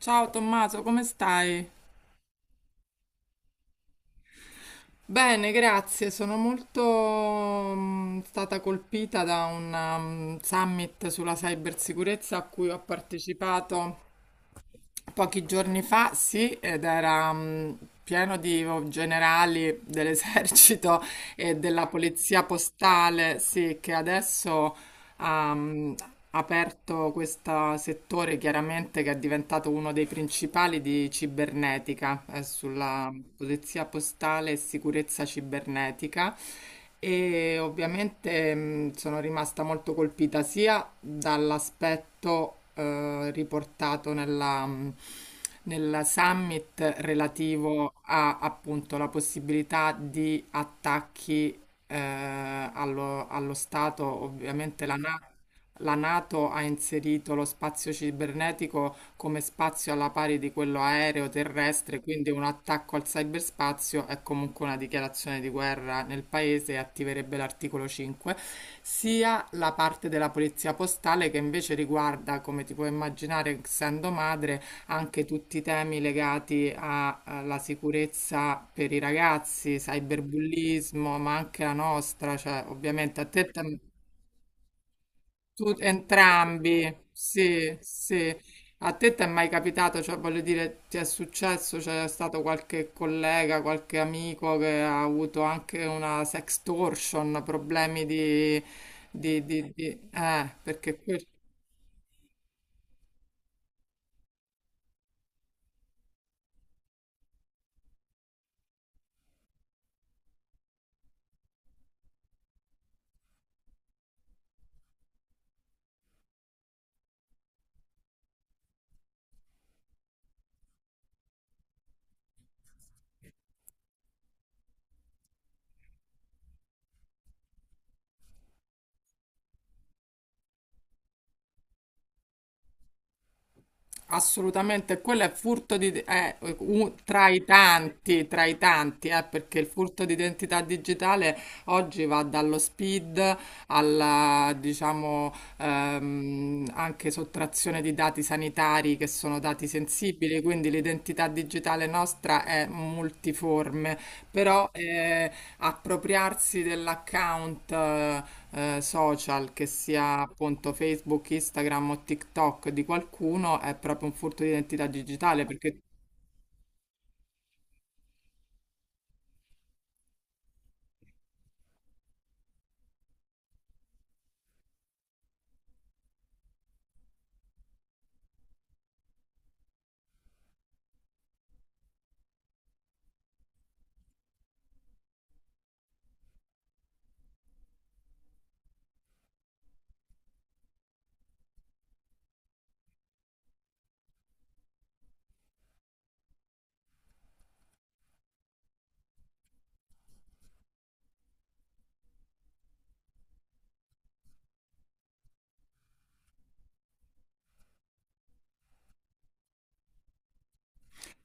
Ciao Tommaso, come stai? Bene, grazie. Sono molto stata colpita da un summit sulla cybersicurezza a cui ho partecipato pochi giorni fa, sì, ed era pieno di generali dell'esercito e della polizia postale, sì, che adesso ha aperto questo settore chiaramente che è diventato uno dei principali di cibernetica, sulla polizia postale e sicurezza cibernetica. E ovviamente sono rimasta molto colpita sia dall'aspetto riportato nel summit relativo a appunto la possibilità di attacchi allo Stato. Ovviamente la NATO ha inserito lo spazio cibernetico come spazio alla pari di quello aereo terrestre, quindi un attacco al cyberspazio è comunque una dichiarazione di guerra nel paese e attiverebbe l'articolo 5, sia la parte della polizia postale che invece riguarda, come ti puoi immaginare, essendo madre, anche tutti i temi legati alla sicurezza per i ragazzi, cyberbullismo, ma anche la nostra, cioè ovviamente a te tu, entrambi, sì, sì. A te ti è mai capitato, cioè voglio dire, ti è successo, c'è stato qualche collega, qualche amico che ha avuto anche una sextortion, problemi di, perché questo. Assolutamente, quello è furto di, tra i tanti, perché il furto di identità digitale oggi va dallo speed alla, diciamo, anche sottrazione di dati sanitari che sono dati sensibili, quindi l'identità digitale nostra è multiforme, però appropriarsi dell'account social, che sia appunto Facebook, Instagram o TikTok di qualcuno, è proprio un furto di identità digitale perché.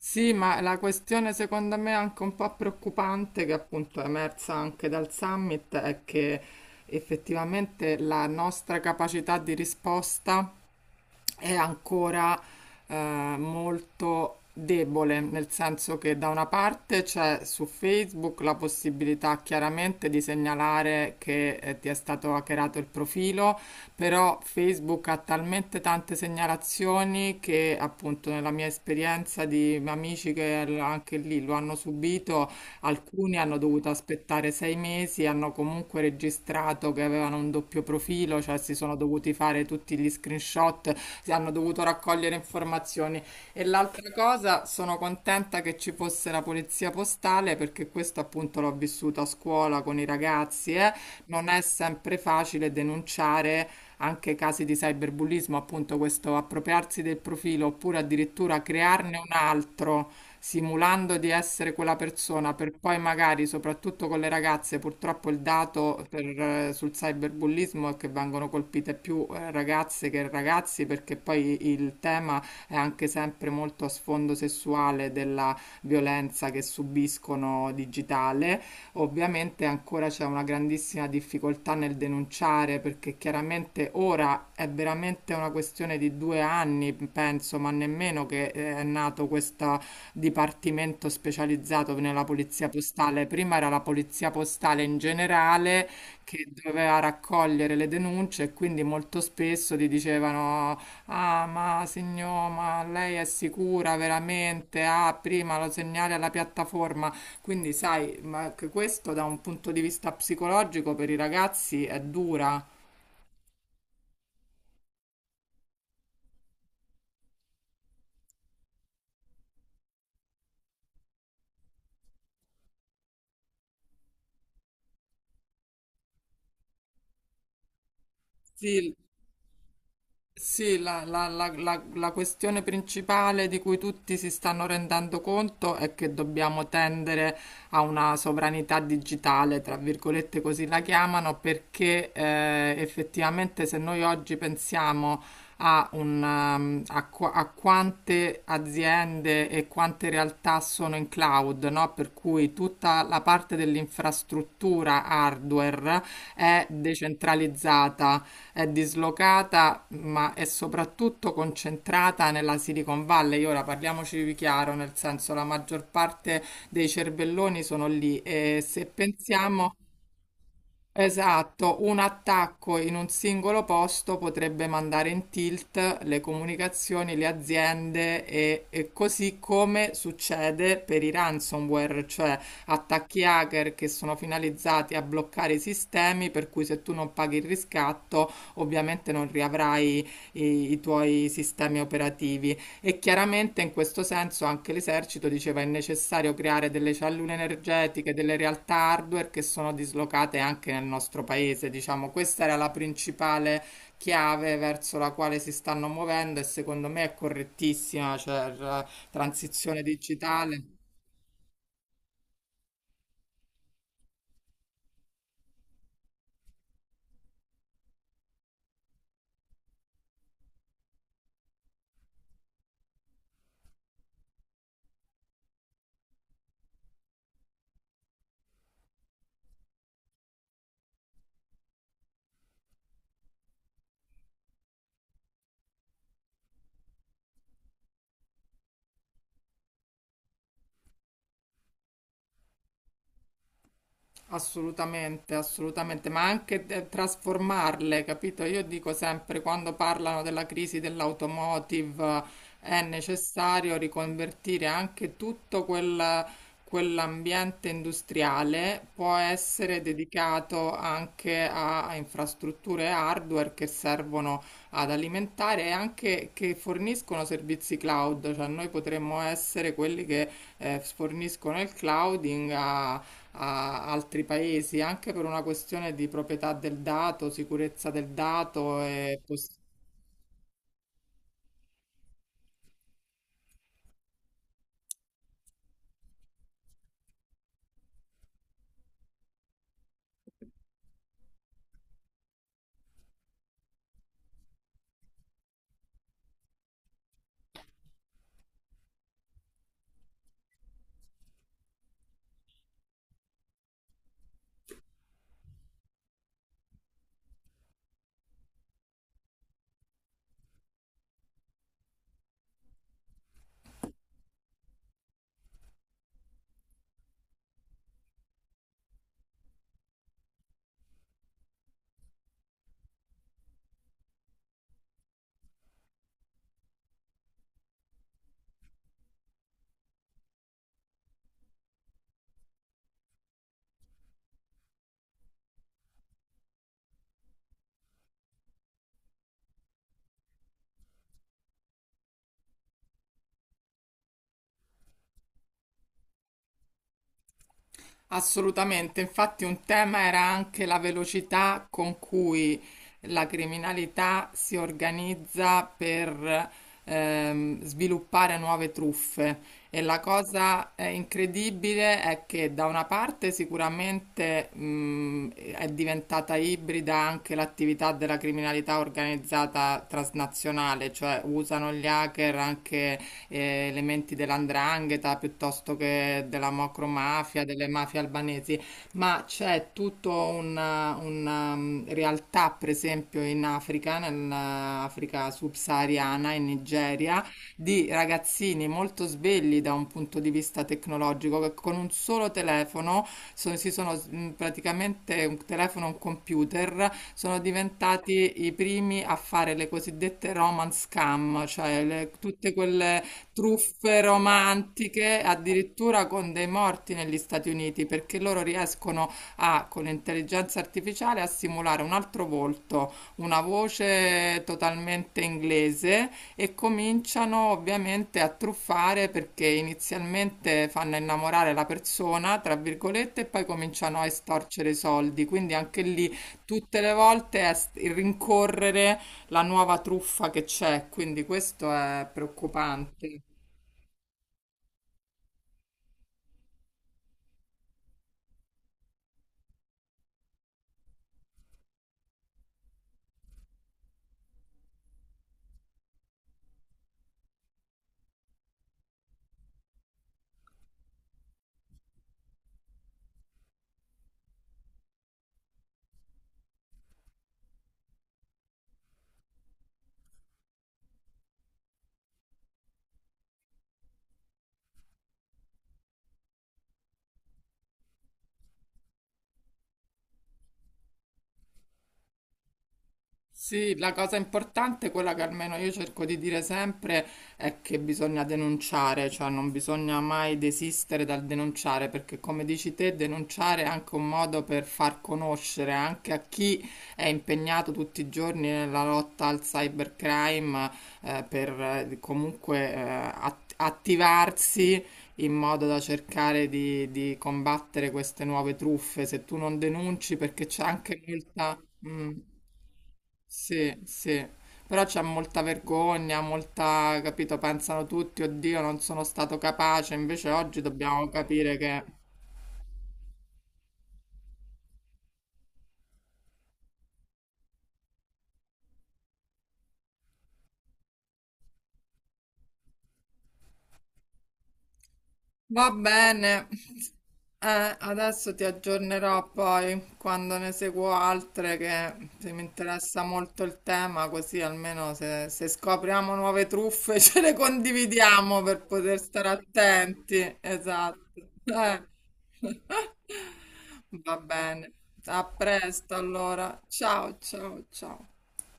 Sì, ma la questione secondo me anche un po' preoccupante, che appunto è emersa anche dal summit, è che effettivamente la nostra capacità di risposta è ancora eh, molto debole, nel senso che da una parte c'è su Facebook la possibilità chiaramente di segnalare che ti è stato hackerato il profilo, però Facebook ha talmente tante segnalazioni che appunto nella mia esperienza di amici che anche lì lo hanno subito, alcuni hanno dovuto aspettare 6 mesi, hanno comunque registrato che avevano un doppio profilo, cioè si sono dovuti fare tutti gli screenshot, si hanno dovuto raccogliere informazioni. E l'altra cosa, sono contenta che ci fosse la polizia postale perché questo appunto l'ho vissuto a scuola con i ragazzi, eh. Non è sempre facile denunciare anche casi di cyberbullismo, appunto questo appropriarsi del profilo oppure addirittura crearne un altro simulando di essere quella persona per poi magari, soprattutto con le ragazze, purtroppo il dato sul cyberbullismo è che vengono colpite più ragazze che ragazzi perché poi il tema è anche sempre molto a sfondo sessuale della violenza che subiscono digitale. Ovviamente ancora c'è una grandissima difficoltà nel denunciare perché chiaramente ora è veramente una questione di 2 anni, penso, ma nemmeno che è nato questa dipartimento specializzato nella polizia postale. Prima era la polizia postale in generale che doveva raccogliere le denunce e quindi molto spesso ti dicevano: ah, ma signor, ma lei è sicura veramente? Ah, prima lo segnali alla piattaforma. Quindi, sai, ma anche questo da un punto di vista psicologico per i ragazzi è dura. Sì. Sì, la questione principale di cui tutti si stanno rendendo conto è che dobbiamo tendere a una sovranità digitale, tra virgolette così la chiamano, perché effettivamente se noi oggi pensiamo a, un, um, a qua- a quante aziende e quante realtà sono in cloud, no? Per cui tutta la parte dell'infrastruttura hardware è decentralizzata, è dislocata, ma è soprattutto concentrata nella Silicon Valley. Ora parliamoci di chiaro, nel senso la maggior parte dei cervelloni sono lì e se pensiamo. Esatto, un attacco in un singolo posto potrebbe mandare in tilt le comunicazioni, le aziende e così come succede per i ransomware, cioè attacchi hacker che sono finalizzati a bloccare i sistemi, per cui se tu non paghi il riscatto, ovviamente non riavrai i tuoi sistemi operativi. E chiaramente in questo senso anche l'esercito diceva è necessario creare delle cellule energetiche, delle realtà hardware che sono dislocate anche nel nostro paese. Diciamo, questa era la principale chiave verso la quale si stanno muovendo e secondo me è correttissima, cioè la transizione digitale. Assolutamente, assolutamente, ma anche trasformarle, capito? Io dico sempre, quando parlano della crisi dell'automotive, è necessario riconvertire anche tutto quell'ambiente industriale, può essere dedicato anche a infrastrutture hardware che servono ad alimentare e anche che forniscono servizi cloud, cioè noi potremmo essere quelli che forniscono il clouding a altri paesi, anche per una questione di proprietà del dato, sicurezza del dato e possibilità. Assolutamente, infatti un tema era anche la velocità con cui la criminalità si organizza per sviluppare nuove truffe e la cosa incredibile è che da una parte sicuramente è diventata ibrida anche l'attività della criminalità organizzata transnazionale, cioè usano gli hacker anche elementi dell'andrangheta piuttosto che della macromafia, delle mafie albanesi, ma c'è tutta una realtà, per esempio, in Africa, nell'Africa subsahariana, in Nigeria, di ragazzini molto svegli da un punto di vista tecnologico che con un solo telefono, praticamente un telefono, un computer, sono diventati i primi a fare le cosiddette romance scam, cioè tutte quelle truffe romantiche, addirittura con dei morti negli Stati Uniti, perché loro riescono a, con l'intelligenza artificiale, a simulare un altro volto, una voce totalmente inglese e cominciano ovviamente a truffare perché inizialmente fanno innamorare la persona, tra virgolette, e poi cominciano a estorcere i soldi. Quindi anche lì tutte le volte è rincorrere la nuova truffa che c'è, quindi questo è preoccupante. Sì, la cosa importante, quella che almeno io cerco di dire sempre, è che bisogna denunciare, cioè non bisogna mai desistere dal denunciare, perché come dici te, denunciare è anche un modo per far conoscere anche a chi è impegnato tutti i giorni nella lotta al cybercrime, per comunque attivarsi in modo da cercare di combattere queste nuove truffe. Se tu non denunci, perché c'è anche molta. Mm. Sì, sì, però c'è molta vergogna, molta, capito, pensano tutti, oddio, non sono stato capace, invece oggi dobbiamo capire che. Va bene. Adesso ti aggiornerò poi quando ne seguo altre che se mi interessa molto il tema, così almeno se scopriamo nuove truffe ce le condividiamo per poter stare attenti. Esatto. Va bene, a presto allora. Ciao, ciao, ciao.